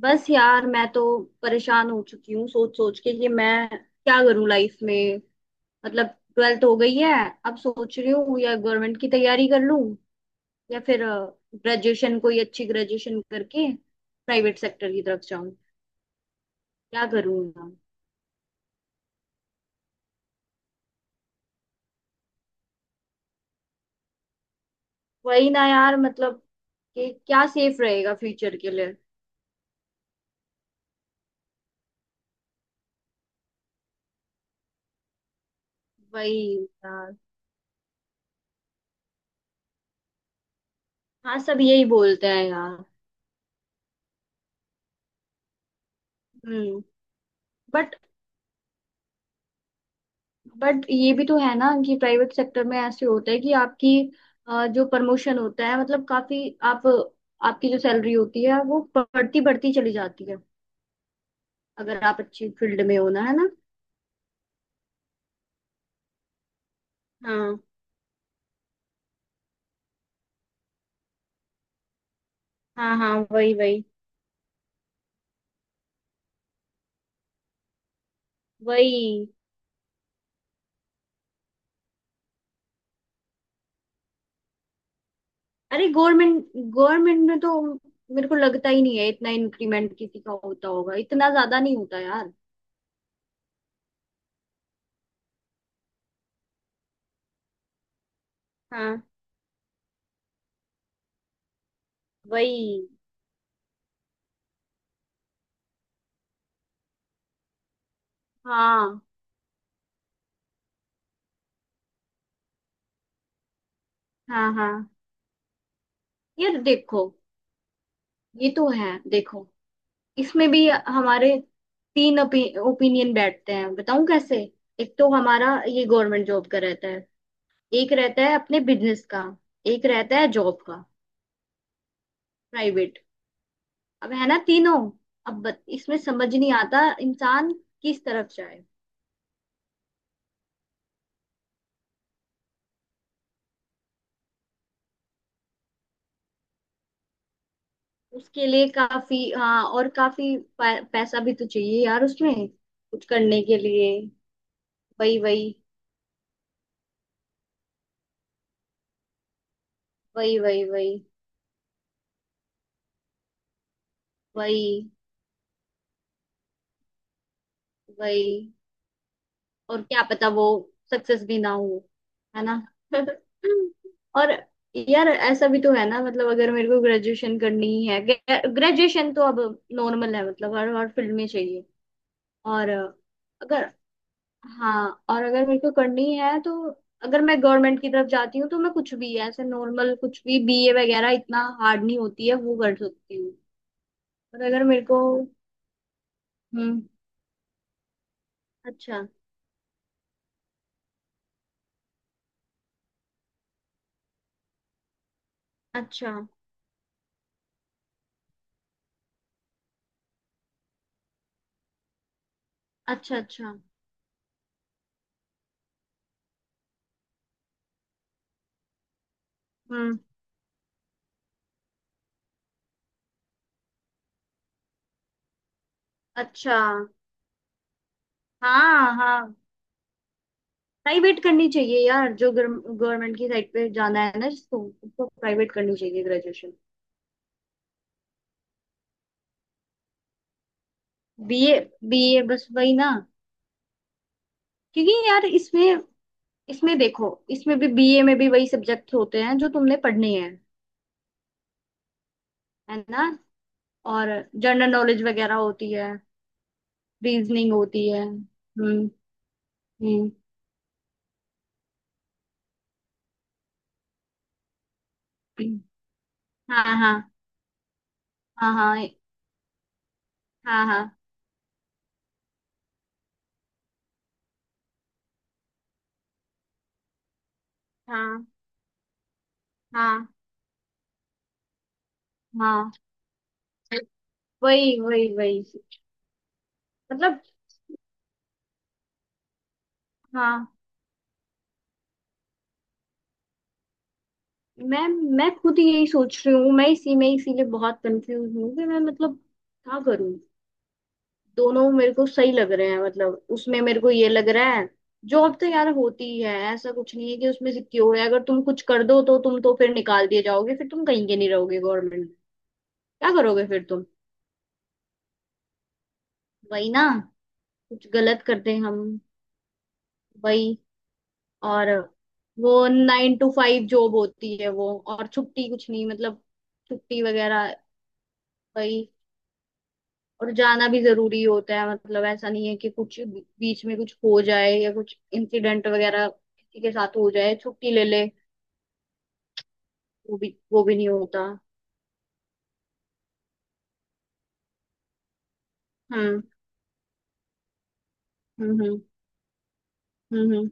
बस यार मैं तो परेशान हो चुकी हूँ सोच सोच के कि मैं क्या करूँ लाइफ में। मतलब, ट्वेल्थ हो गई है। अब सोच रही हूँ या गवर्नमेंट की तैयारी कर लूँ या फिर ग्रेजुएशन कोई अच्छी ग्रेजुएशन करके प्राइवेट सेक्टर की तरफ जाऊँ। क्या करूँ ना। वही ना यार, मतलब कि क्या सेफ रहेगा फ्यूचर के लिए। वही यार। हाँ, सब यही बोलते हैं यार। हम्म। बट बट ये भी तो है ना कि प्राइवेट सेक्टर में ऐसे होता है कि आपकी जो प्रमोशन होता है, मतलब काफी। आप आपकी जो सैलरी होती है वो बढ़ती बढ़ती चली जाती है, अगर आप अच्छी फील्ड में हो ना, है ना। हाँ हाँ हाँ, वही वही वही। अरे, गवर्नमेंट गवर्नमेंट में तो मेरे को लगता ही नहीं है इतना इंक्रीमेंट किसी का होता होगा, इतना ज्यादा नहीं होता यार। हाँ वही। हाँ हाँ हाँ। यार देखो, ये तो है, देखो। इसमें भी हमारे तीन ओपिनियन बैठते हैं, बताऊं कैसे। एक तो हमारा ये गवर्नमेंट जॉब का रहता है। एक रहता है अपने बिजनेस का। एक रहता है जॉब का, प्राइवेट। अब है ना तीनों। अब इसमें समझ नहीं आता इंसान किस तरफ जाए। उसके लिए काफी, हाँ, और काफी पैसा भी तो चाहिए यार उसमें कुछ करने के लिए। वही वही वही वही वही वही वही। और क्या पता वो सक्सेस भी ना हो, है ना। और यार, ऐसा भी तो है ना, मतलब अगर मेरे को ग्रेजुएशन करनी ही है। ग्रेजुएशन तो अब नॉर्मल है, मतलब हर हर फील्ड में चाहिए। और अगर, हाँ, और अगर मेरे को करनी है तो अगर मैं गवर्नमेंट की तरफ जाती हूँ तो मैं कुछ भी ऐसे नॉर्मल, कुछ भी बीए वगैरह, इतना हार्ड नहीं होती है वो, कर सकती हूँ। और अगर मेरे को। हम्म। अच्छा अच्छा अच्छा अच्छा। हम्म। अच्छा। हाँ हाँ। प्राइवेट करनी चाहिए यार, जो गवर्नमेंट की साइड पे जाना है ना, जिसको, उसको प्राइवेट करनी चाहिए ग्रेजुएशन। बीए बीए, बस वही ना। क्योंकि यार इसमें इसमें देखो, इसमें भी बीए में भी वही सब्जेक्ट होते हैं जो तुमने पढ़ने हैं, है ना। और जनरल नॉलेज वगैरह होती है। रीजनिंग होती है। हम्म। हम्म। हाँ हाँ हाँ हाँ हाँ हाँ हाँ हाँ हाँ, वही वही वही, मतलब हाँ। मैं मैं खुद यही सोच रही हूँ। मैं इसी में इसीलिए बहुत कंफ्यूज हूँ कि मैं, मतलब क्या करूँ। दोनों मेरे को सही लग रहे हैं, मतलब उसमें मेरे को ये लग रहा है। जॉब तो यार होती है, ऐसा कुछ नहीं है कि उसमें सिक्योर है, अगर तुम कुछ कर दो तो तुम तो फिर निकाल दिए जाओगे, फिर तुम कहीं के नहीं रहोगे गवर्नमेंट। क्या करोगे फिर तुम। वही ना। कुछ गलत करते हैं हम। वही। और वो नाइन टू फाइव जॉब होती है वो, और छुट्टी कुछ नहीं, मतलब। छुट्टी वगैरह, वही। और जाना भी जरूरी होता है, मतलब ऐसा नहीं है कि कुछ बीच में कुछ हो जाए या कुछ इंसिडेंट वगैरह किसी के साथ हो जाए छुट्टी ले ले। वो भी नहीं होता। हम्म हम्म हम्म हम्म हम्म।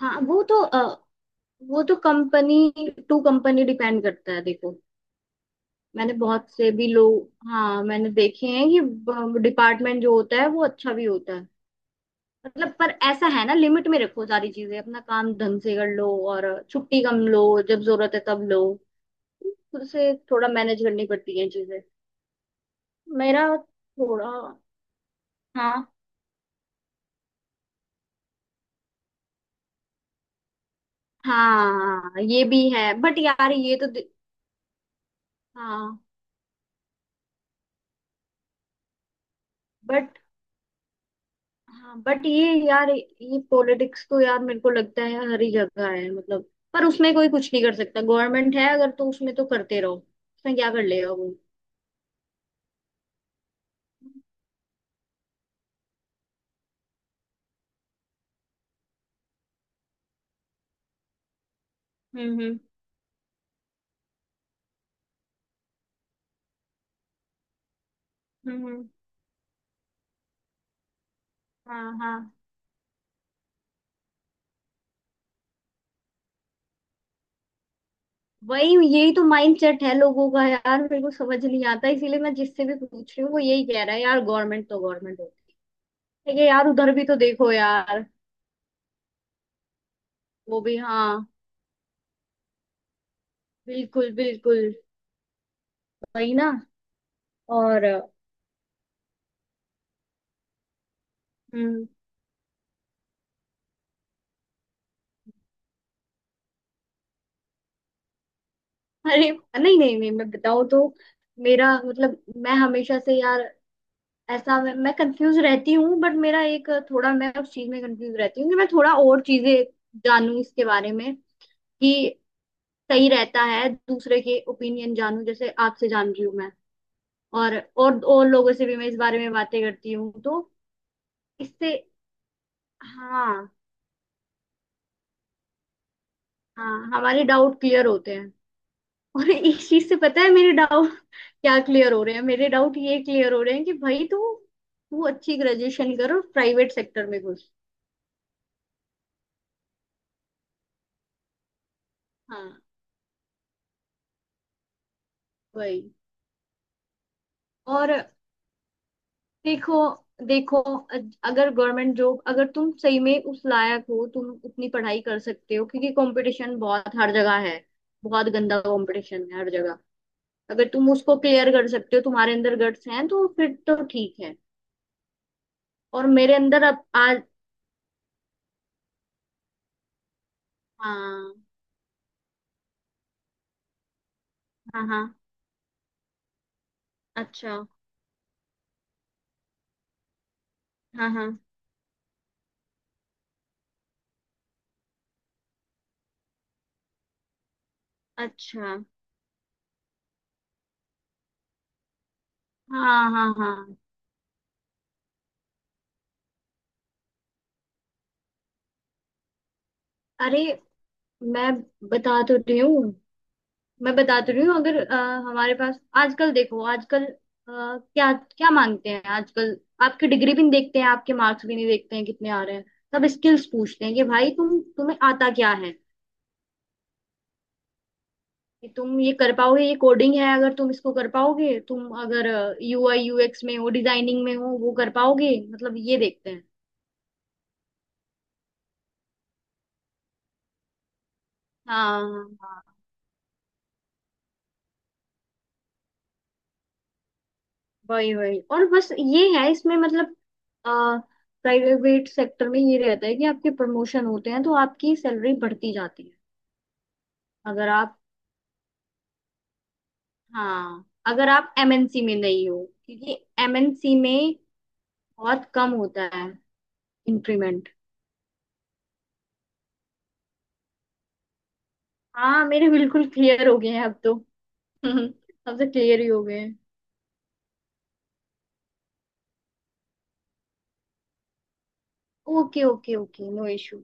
हाँ, वो तो कंपनी टू कंपनी डिपेंड करता है देखो। मैंने बहुत से भी लोग, हाँ, मैंने देखे हैं कि डिपार्टमेंट जो होता है वो अच्छा भी होता है। मतलब पर ऐसा है ना, लिमिट में रखो सारी चीजें, अपना काम ढंग से कर लो और छुट्टी कम लो। जब जरूरत है तब लो। खुद से थोड़ा मैनेज करनी पड़ती है चीजें। मेरा थोड़ा, हाँ। हाँ हाँ, ये भी है, बट यार ये तो। हाँ बट हाँ बट ये यार, ये पॉलिटिक्स तो यार मेरे को लगता है हर ही जगह है, मतलब पर उसमें कोई कुछ नहीं कर सकता, गवर्नमेंट है अगर तो उसमें तो करते रहो, उसमें क्या कर लेगा वो। हम्म हम्म हम्म, हाँ हाँ। वही, यही तो माइंडसेट है लोगों का यार, मेरे को समझ नहीं आता, इसीलिए मैं जिससे भी पूछ रही हूँ वो यही कह रहा है यार, गवर्नमेंट तो गवर्नमेंट होती है। ये यार, उधर भी तो देखो यार। वो भी, हाँ। बिल्कुल बिल्कुल। वही ना। और। हम्म। अरे, नहीं नहीं नहीं, मैं बताऊँ तो। मेरा मतलब मैं हमेशा से यार ऐसा, मैं कंफ्यूज रहती हूँ, बट मेरा एक थोड़ा, मैं उस चीज में कंफ्यूज रहती हूँ कि मैं थोड़ा और चीजें जानूं इसके बारे में। कि सही रहता है दूसरे के ओपिनियन जानूं, जैसे आपसे जान रही हूँ मैं। और लोगों से भी मैं इस बारे में बातें करती हूँ तो इससे। हाँ हाँ, हमारे डाउट क्लियर होते हैं। और इस चीज से पता है मेरे डाउट क्या क्लियर हो रहे हैं, मेरे डाउट ये क्लियर हो रहे हैं कि भाई तू तू अच्छी ग्रेजुएशन कर और प्राइवेट सेक्टर में घुस। हाँ वही। और देखो, देखो, अगर गवर्नमेंट जॉब, अगर तुम सही में उस लायक हो, तुम उतनी पढ़ाई कर सकते हो, क्योंकि कंपटीशन बहुत हर जगह है। बहुत गंदा कंपटीशन है हर जगह। अगर तुम उसको क्लियर कर सकते हो, तुम्हारे अंदर गट्स हैं तो फिर तो ठीक है। और मेरे अंदर अब आज। हाँ हाँ हाँ। अच्छा। हाँ हाँ। अच्छा। हाँ हाँ हाँ। अरे, मैं बता तो रही हूँ। मैं बता तो रही हूँ, अगर हमारे पास आजकल, देखो आजकल क्या क्या मांगते हैं आजकल। आपकी डिग्री भी नहीं देखते हैं, आपके मार्क्स भी नहीं देखते हैं कितने आ रहे हैं। सब स्किल्स पूछते हैं कि भाई तुम्हें आता क्या है, कि तुम ये कर पाओगे, ये कोडिंग है अगर तुम इसको कर पाओगे, तुम अगर यूआई यूएक्स में हो, डिजाइनिंग में हो, वो कर पाओगे, मतलब ये देखते हैं। हाँ हाँ, वही वही। और बस ये है इसमें, मतलब प्राइवेट सेक्टर में ये रहता है कि आपके प्रमोशन होते हैं तो आपकी सैलरी बढ़ती जाती है, अगर आप, हाँ, अगर आप एमएनसी में नहीं हो, क्योंकि एमएनसी में बहुत कम होता है इंक्रीमेंट। हाँ, मेरे बिल्कुल क्लियर हो गए हैं अब तो। अब तो क्लियर ही हो गए हैं। Okay okay okay, no issue.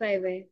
Bye bye.